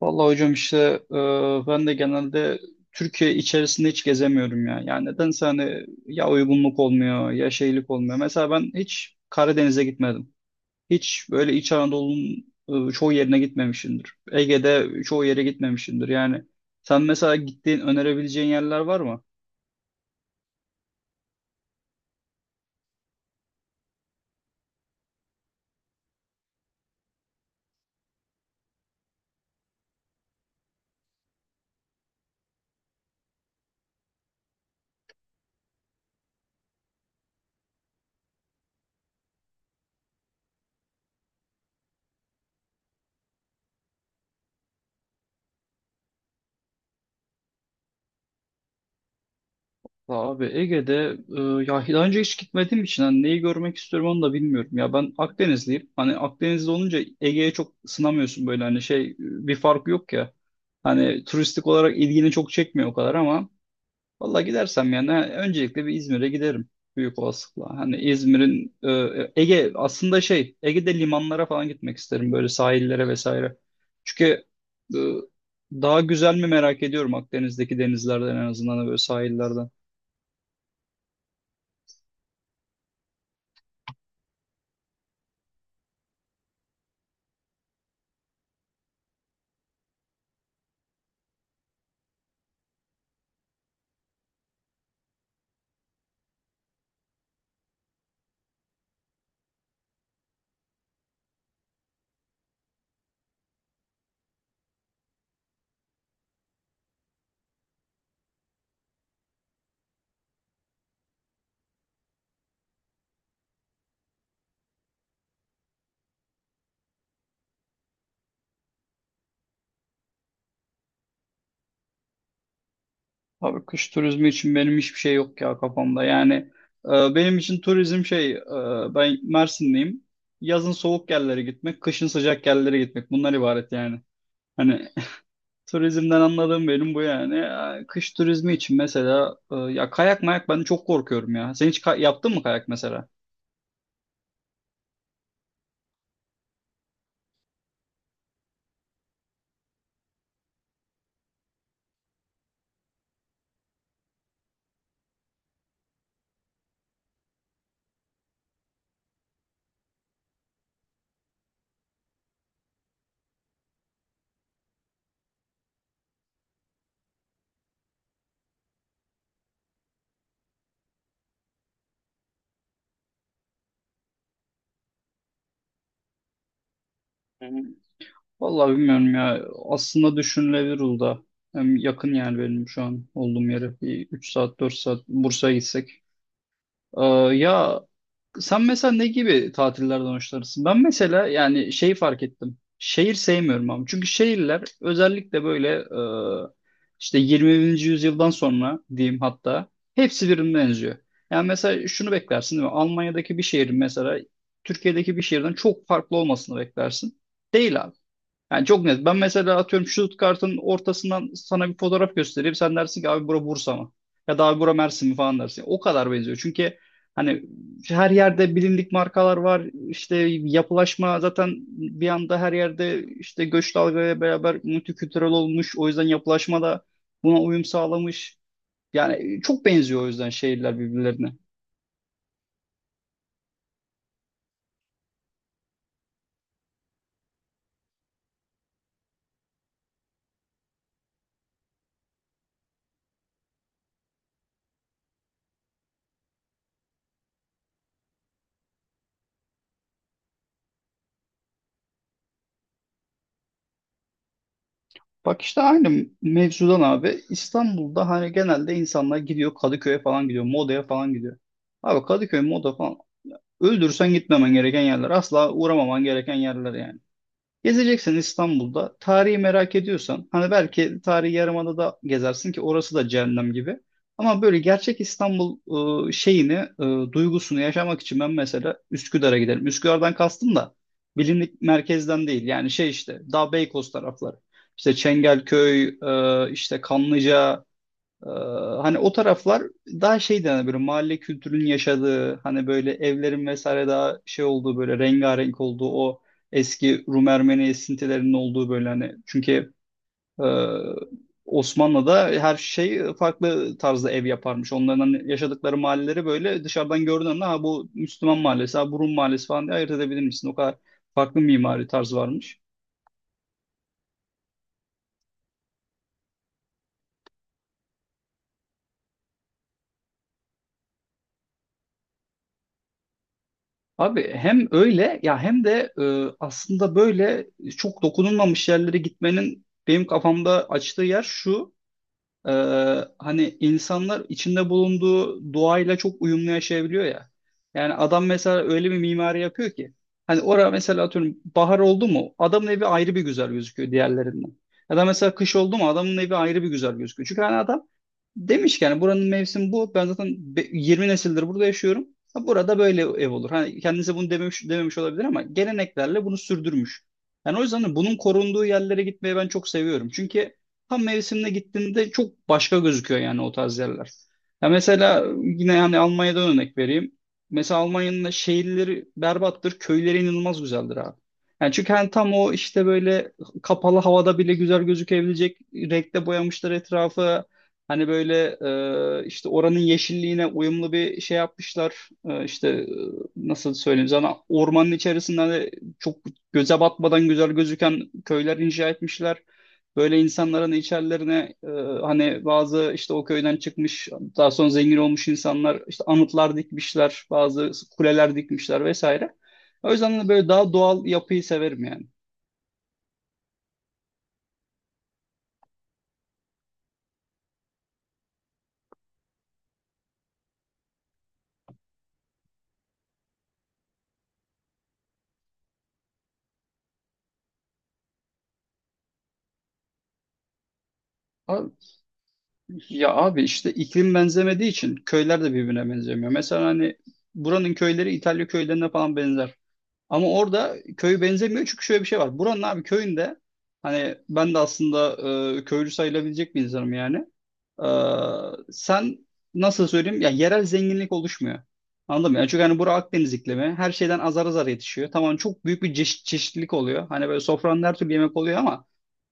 Vallahi hocam işte e, ben de genelde Türkiye içerisinde hiç gezemiyorum ya. Yani nedense hani ya uygunluk olmuyor ya şeylik olmuyor. Mesela ben hiç Karadeniz'e gitmedim. Hiç böyle İç Anadolu'nun çoğu yerine gitmemişimdir. Ege'de çoğu yere gitmemişimdir. Yani sen mesela gittiğin önerebileceğin yerler var mı? Ya abi Ege'de e, ya daha önce hiç gitmediğim için hani neyi görmek istiyorum onu da bilmiyorum. Ya ben Akdenizliyim. Hani Akdenizli olunca Ege'ye çok sınamıyorsun böyle hani şey bir fark yok ya. Hani turistik olarak ilgini çok çekmiyor o kadar ama valla gidersem yani öncelikle bir İzmir'e giderim büyük olasılıkla. Hani İzmir'in Ege aslında şey Ege'de limanlara falan gitmek isterim böyle sahillere vesaire. Çünkü e, daha güzel mi merak ediyorum Akdeniz'deki denizlerden en azından da böyle sahillerden. Abi kış turizmi için benim hiçbir şey yok ya kafamda. Yani e, benim için turizm şey ben Mersinliyim. Yazın soğuk yerlere gitmek, kışın sıcak yerlere gitmek bunlar ibaret yani. Hani turizmden anladığım benim bu yani. Ya, kış turizmi için mesela ya kayak mayak ben çok korkuyorum ya. Sen hiç yaptın mı kayak mesela? Hı hı. Vallahi bilmiyorum ya. Aslında düşünülebilir Uludağ. Hem yakın yani benim şu an olduğum yere. Bir 3 saat 4 saat Bursa'ya gitsek. Ee, ya, sen mesela ne gibi tatillerden hoşlanırsın? Ben mesela yani şeyi fark ettim. Şehir sevmiyorum ama. Çünkü şehirler özellikle böyle e, işte 20. yüzyıldan sonra diyeyim hatta hepsi birbirine benziyor. Yani mesela şunu beklersin değil mi? Almanya'daki bir şehrin mesela Türkiye'deki bir şehirden çok farklı olmasını beklersin. Değil yani çok net. Ben mesela atıyorum şut Stuttgart'ın ortasından sana bir fotoğraf göstereyim. Sen dersin ki abi bura Bursa mı? Ya da abi bura Mersin mi falan dersin. O kadar benziyor. Çünkü hani her yerde bilindik markalar var. İşte yapılaşma zaten bir anda her yerde işte göç dalgaya beraber multikültürel olmuş. O yüzden yapılaşma da buna uyum sağlamış. Yani çok benziyor o yüzden şehirler birbirlerine. Bak işte aynı mevzudan abi. İstanbul'da hani genelde insanlar gidiyor Kadıköy'e falan gidiyor. Moda'ya falan gidiyor. Abi Kadıköy, Moda falan öldürsen gitmemen gereken yerler. Asla uğramaman gereken yerler yani. Gezeceksen İstanbul'da tarihi merak ediyorsan hani belki tarihi Yarımada'da gezersin ki orası da cehennem gibi. Ama böyle gerçek İstanbul şeyini, duygusunu yaşamak için ben mesela Üsküdar'a giderim. Üsküdar'dan kastım da bilindik merkezden değil. Yani şey işte daha Beykoz tarafları. İşte Çengelköy, işte Kanlıca, ee, hani o taraflar daha şey hani böyle mahalle kültürünün yaşadığı hani böyle evlerin vesaire daha şey olduğu böyle rengarenk olduğu o eski Rum Ermeni esintilerinin olduğu böyle hani çünkü e, Osmanlı'da her şey farklı tarzda ev yaparmış. Onların hani yaşadıkları mahalleleri böyle dışarıdan gördüğün anda ha bu Müslüman mahallesi, ha bu Rum mahallesi falan diye ayırt edebilir misin? O kadar farklı mimari tarz varmış. Abi hem öyle ya hem de aslında böyle çok dokunulmamış yerlere gitmenin benim kafamda açtığı yer şu. e, Hani insanlar içinde bulunduğu doğayla çok uyumlu yaşayabiliyor ya. Yani adam mesela öyle bir mimari yapıyor ki. Hani orada mesela atıyorum bahar oldu mu adamın evi ayrı bir güzel gözüküyor diğerlerinden. Ya da mesela kış oldu mu adamın evi ayrı bir güzel gözüküyor. Çünkü hani adam demiş ki yani buranın mevsimi bu. Ben zaten 20 nesildir burada yaşıyorum. Ha, burada böyle ev olur. Hani kendisi bunu dememiş, dememiş olabilir ama geleneklerle bunu sürdürmüş. Yani o yüzden de bunun korunduğu yerlere gitmeyi ben çok seviyorum. Çünkü tam mevsimine gittiğinde çok başka gözüküyor yani o tarz yerler. Ya mesela yine yani Almanya'dan örnek vereyim. Mesela Almanya'nın da şehirleri berbattır, köyleri inanılmaz güzeldir abi. Yani çünkü hani tam o işte böyle kapalı havada bile güzel gözükebilecek renkte boyamışlar etrafı. Hani böyle işte oranın yeşilliğine uyumlu bir şey yapmışlar. İşte nasıl söyleyeyim sana ormanın içerisinde hani çok göze batmadan güzel gözüken köyler inşa etmişler. Böyle insanların içerilerine hani bazı işte o köyden çıkmış daha sonra zengin olmuş insanlar işte anıtlar dikmişler, bazı kuleler dikmişler vesaire. O yüzden de böyle daha doğal yapıyı severim yani. Ya abi işte iklim benzemediği için köyler de birbirine benzemiyor. Mesela hani buranın köyleri İtalya köylerine falan benzer. Ama orada köy benzemiyor çünkü şöyle bir şey var. Buranın abi köyünde hani ben de aslında köylü sayılabilecek bir insanım yani. E, Sen nasıl söyleyeyim ya yerel zenginlik oluşmuyor. Anladın mı? Yani çünkü hani bura Akdeniz iklimi her şeyden azar azar yetişiyor. Tamam çok büyük bir çeşitlilik oluyor. Hani böyle sofranın her türlü yemek oluyor ama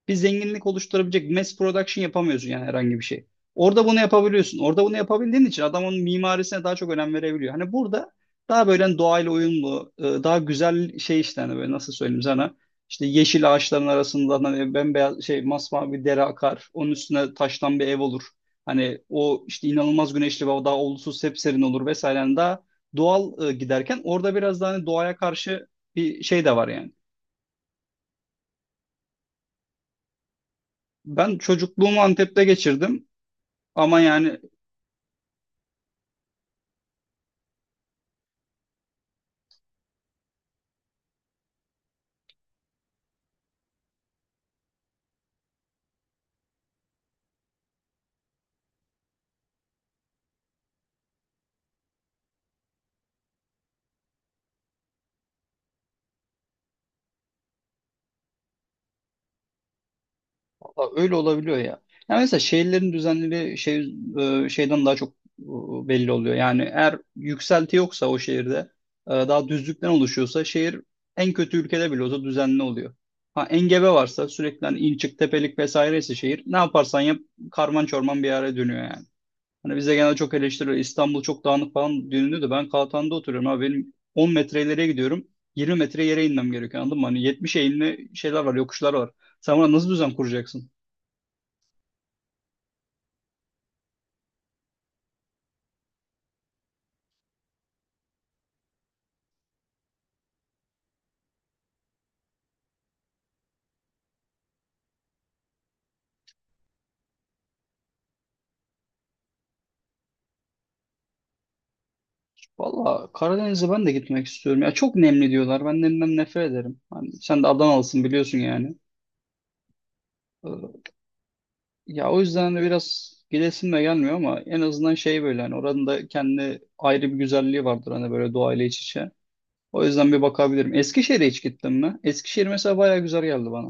bir zenginlik oluşturabilecek mass production yapamıyorsun yani herhangi bir şey. Orada bunu yapabiliyorsun. Orada bunu yapabildiğin için adam onun mimarisine daha çok önem verebiliyor. Hani burada daha böyle hani doğayla uyumlu, daha güzel şey işte hani böyle nasıl söyleyeyim sana. İşte yeşil ağaçların arasında hani bembeyaz şey masmavi bir dere akar. Onun üstüne taştan bir ev olur. Hani o işte inanılmaz güneşli ve daha olumsuz sepserin olur vesaire. Yani daha doğal giderken orada biraz daha hani doğaya karşı bir şey de var yani. Ben çocukluğumu Antep'te geçirdim. Ama yani valla öyle olabiliyor ya. Yani mesela şehirlerin düzenleri şey şeyden daha çok belli oluyor. Yani eğer yükselti yoksa o şehirde daha düzlükten oluşuyorsa şehir en kötü ülkede bile olsa düzenli oluyor. Ha engebe varsa sürekli hani in çık tepelik vesaireyse şehir ne yaparsan yap karman çorman bir yere dönüyor yani. Hani bize genelde çok eleştiriyor. İstanbul çok dağınık falan deniliyor da ben Kaltan'da oturuyorum abi. Benim 10 metre ileriye gidiyorum. 20 metre yere inmem gerekiyor anladın mı? Hani 70 eğimli şeyler var, yokuşlar var. Sen buna nasıl düzen kuracaksın? Valla Karadeniz'e ben de gitmek istiyorum. Ya çok nemli diyorlar. Ben nemden nefret ederim. Hani sen de Adanalısın biliyorsun yani. Ee, Ya o yüzden de biraz gidesim de gelmiyor ama en azından şey böyle hani oranın da kendi ayrı bir güzelliği vardır hani böyle doğayla iç içe. O yüzden bir bakabilirim. Eskişehir'e hiç gittim mi? Eskişehir mesela bayağı güzel geldi bana.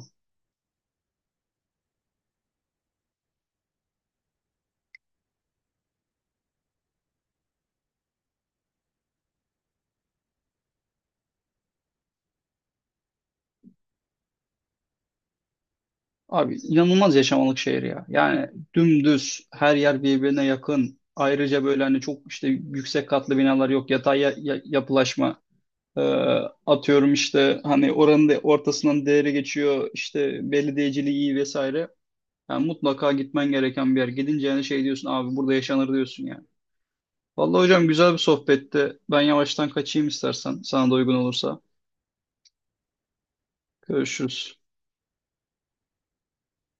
Abi inanılmaz yaşamalık şehir ya. Yani dümdüz her yer birbirine yakın. Ayrıca böyle hani çok işte yüksek katlı binalar yok. Yatay yapılaşma. Ee, Atıyorum işte hani oranın da ortasından değeri geçiyor. İşte belediyeciliği iyi vesaire. Yani mutlaka gitmen gereken bir yer. Gidince yani şey diyorsun abi burada yaşanır diyorsun yani. Vallahi hocam güzel bir sohbetti. Ben yavaştan kaçayım istersen sana da uygun olursa. Görüşürüz.